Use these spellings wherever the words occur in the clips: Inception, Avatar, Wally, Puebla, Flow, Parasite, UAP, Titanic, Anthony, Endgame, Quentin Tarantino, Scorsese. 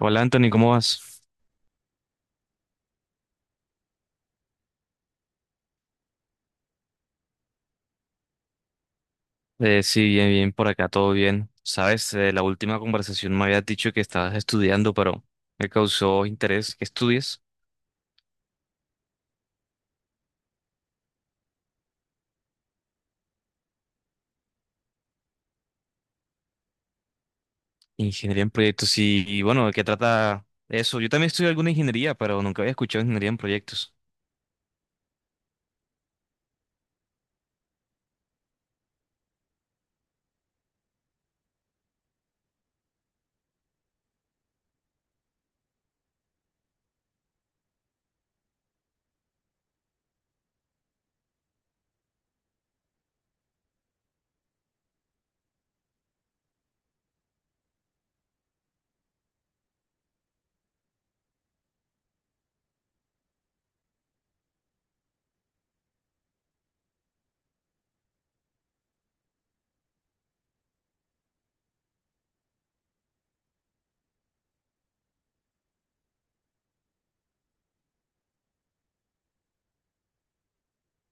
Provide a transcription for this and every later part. Hola Anthony, ¿cómo vas? Sí, bien, bien, por acá todo bien. Sabes, la última conversación me habías dicho que estabas estudiando, pero me causó interés que estudies ingeniería en proyectos y bueno, ¿de qué trata eso? Yo también estudio alguna ingeniería, pero nunca había escuchado ingeniería en proyectos.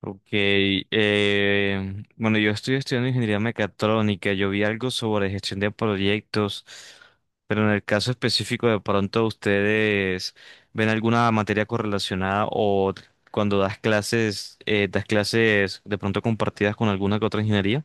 Ok, bueno, yo estoy estudiando ingeniería mecatrónica. Yo vi algo sobre gestión de proyectos, pero en el caso específico de pronto ustedes ven alguna materia correlacionada o cuando das clases de pronto compartidas con alguna que otra ingeniería.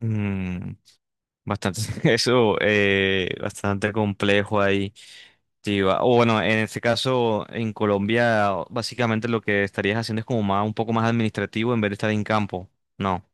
Mm, bastante, eso, bastante complejo ahí. Sí, o bueno, en este caso, en Colombia, básicamente lo que estarías haciendo es como más, un poco más administrativo en vez de estar en campo. No.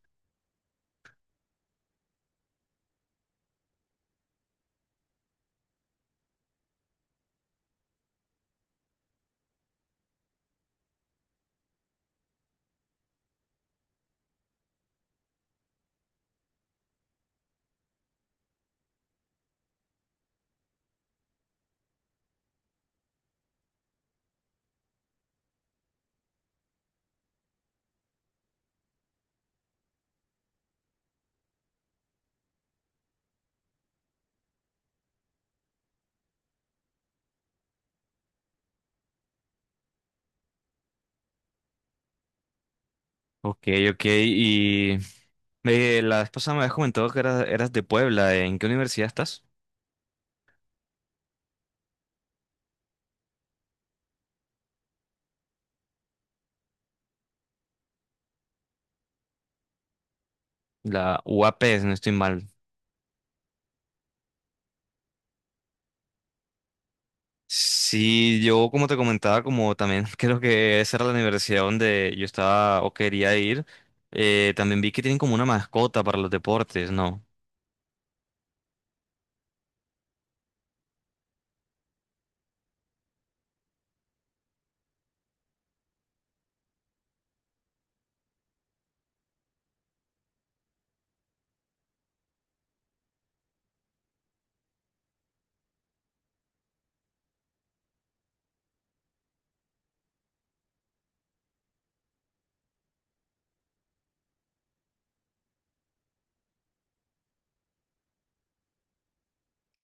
Ok, ok. Y la vez pasada me habías comentado que eras, eras de Puebla. ¿En qué universidad estás? La UAP, si no estoy mal. Sí, yo como te comentaba, como también creo que esa era la universidad donde yo estaba o quería ir. También vi que tienen como una mascota para los deportes, ¿no?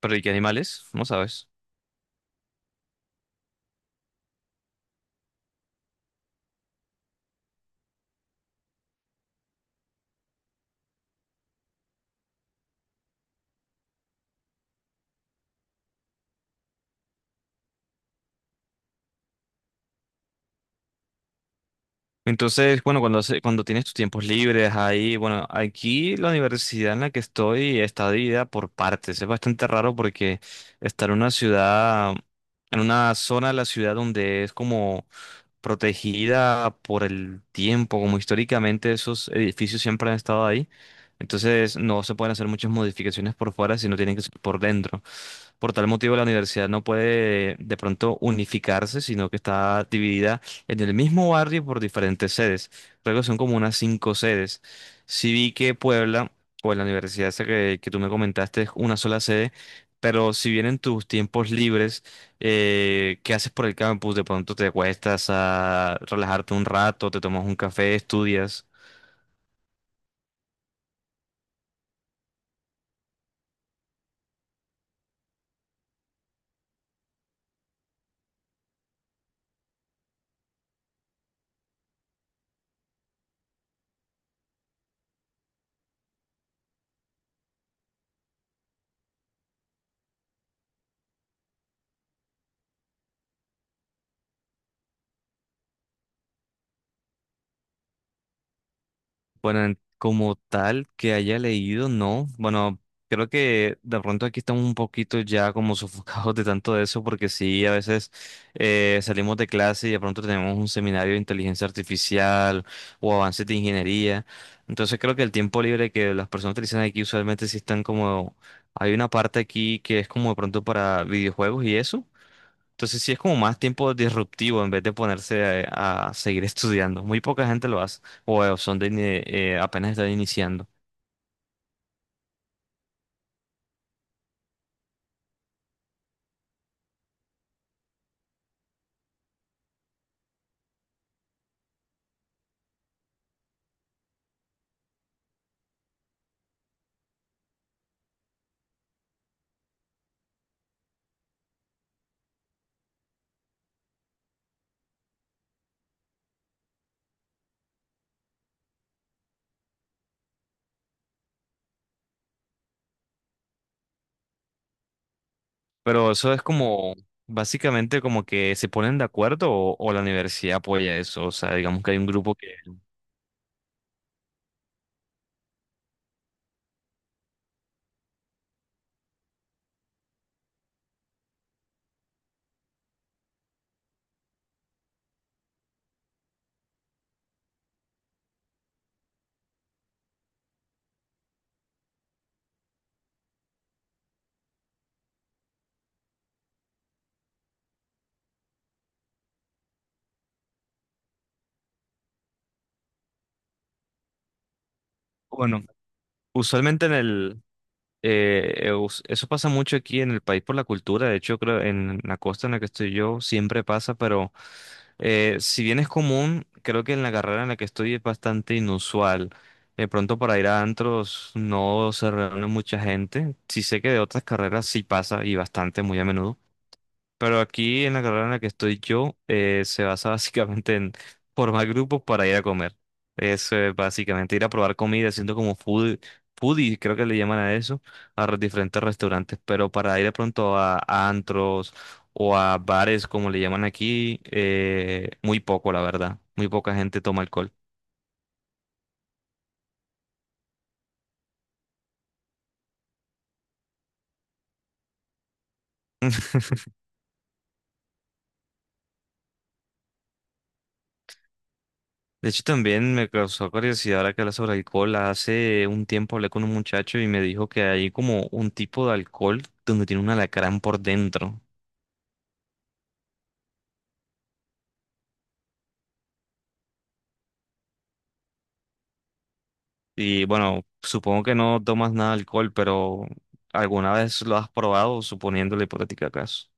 Pero ¿y qué animales? No sabes. Entonces, bueno, cuando, cuando tienes tus tiempos libres ahí, bueno, aquí la universidad en la que estoy está dividida por partes. Es bastante raro porque estar en una ciudad, en una zona de la ciudad donde es como protegida por el tiempo, como históricamente esos edificios siempre han estado ahí. Entonces no se pueden hacer muchas modificaciones por fuera, sino tienen que ser por dentro. Por tal motivo, la universidad no puede de pronto unificarse, sino que está dividida en el mismo barrio por diferentes sedes. Creo que son como unas cinco sedes. Sí vi que Puebla, o la universidad esa que tú me comentaste, es una sola sede, pero si bien en tus tiempos libres ¿qué haces por el campus? De pronto te acuestas a relajarte un rato, te tomas un café, estudias. Bueno, como tal que haya leído, no. Bueno, creo que de pronto aquí estamos un poquito ya como sofocados de tanto de eso, porque sí, a veces salimos de clase y de pronto tenemos un seminario de inteligencia artificial o avances de ingeniería. Entonces creo que el tiempo libre que las personas utilizan aquí usualmente sí están como... Hay una parte aquí que es como de pronto para videojuegos y eso. Entonces sí es como más tiempo disruptivo en vez de ponerse a seguir estudiando. Muy poca gente lo hace o son de, apenas están iniciando. Pero eso es como básicamente como que se ponen de acuerdo o la universidad apoya eso. O sea, digamos que hay un grupo que, bueno, usualmente en el eso pasa mucho aquí en el país por la cultura. De hecho, creo en la costa en la que estoy yo siempre pasa, pero si bien es común, creo que en la carrera en la que estoy es bastante inusual. De pronto para ir a antros no se reúne mucha gente. Sí sé que de otras carreras sí pasa y bastante, muy a menudo. Pero aquí en la carrera en la que estoy yo se basa básicamente en formar grupos para ir a comer. Es básicamente ir a probar comida, siendo como foodie, creo que le llaman a eso, a los diferentes restaurantes. Pero para ir de pronto a antros o a bares, como le llaman aquí, muy poco, la verdad. Muy poca gente toma alcohol. De hecho, también me causó curiosidad ahora que hablas sobre alcohol. Hace un tiempo hablé con un muchacho y me dijo que hay como un tipo de alcohol donde tiene un alacrán por dentro. Y bueno, supongo que no tomas nada de alcohol, pero ¿alguna vez lo has probado, suponiendo la hipotética caso?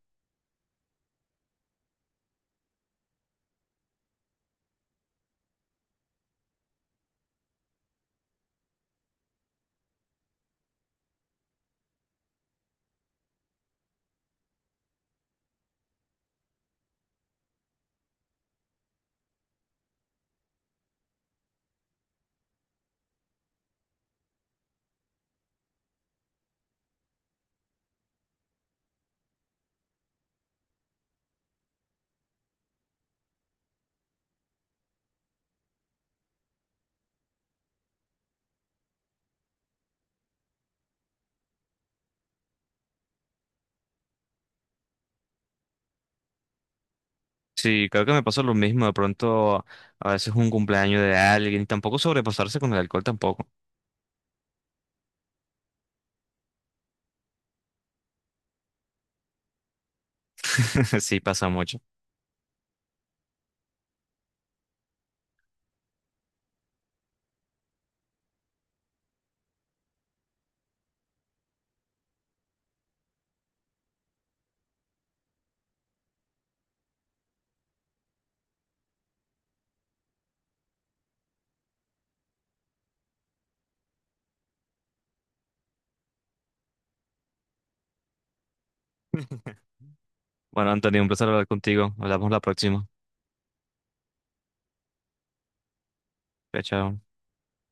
Sí, creo que me pasa lo mismo. De pronto, a veces un cumpleaños de alguien, y tampoco sobrepasarse con el alcohol tampoco. Sí, pasa mucho. Bueno, Antonio, un placer hablar contigo. Hablamos la próxima. Chao, chao.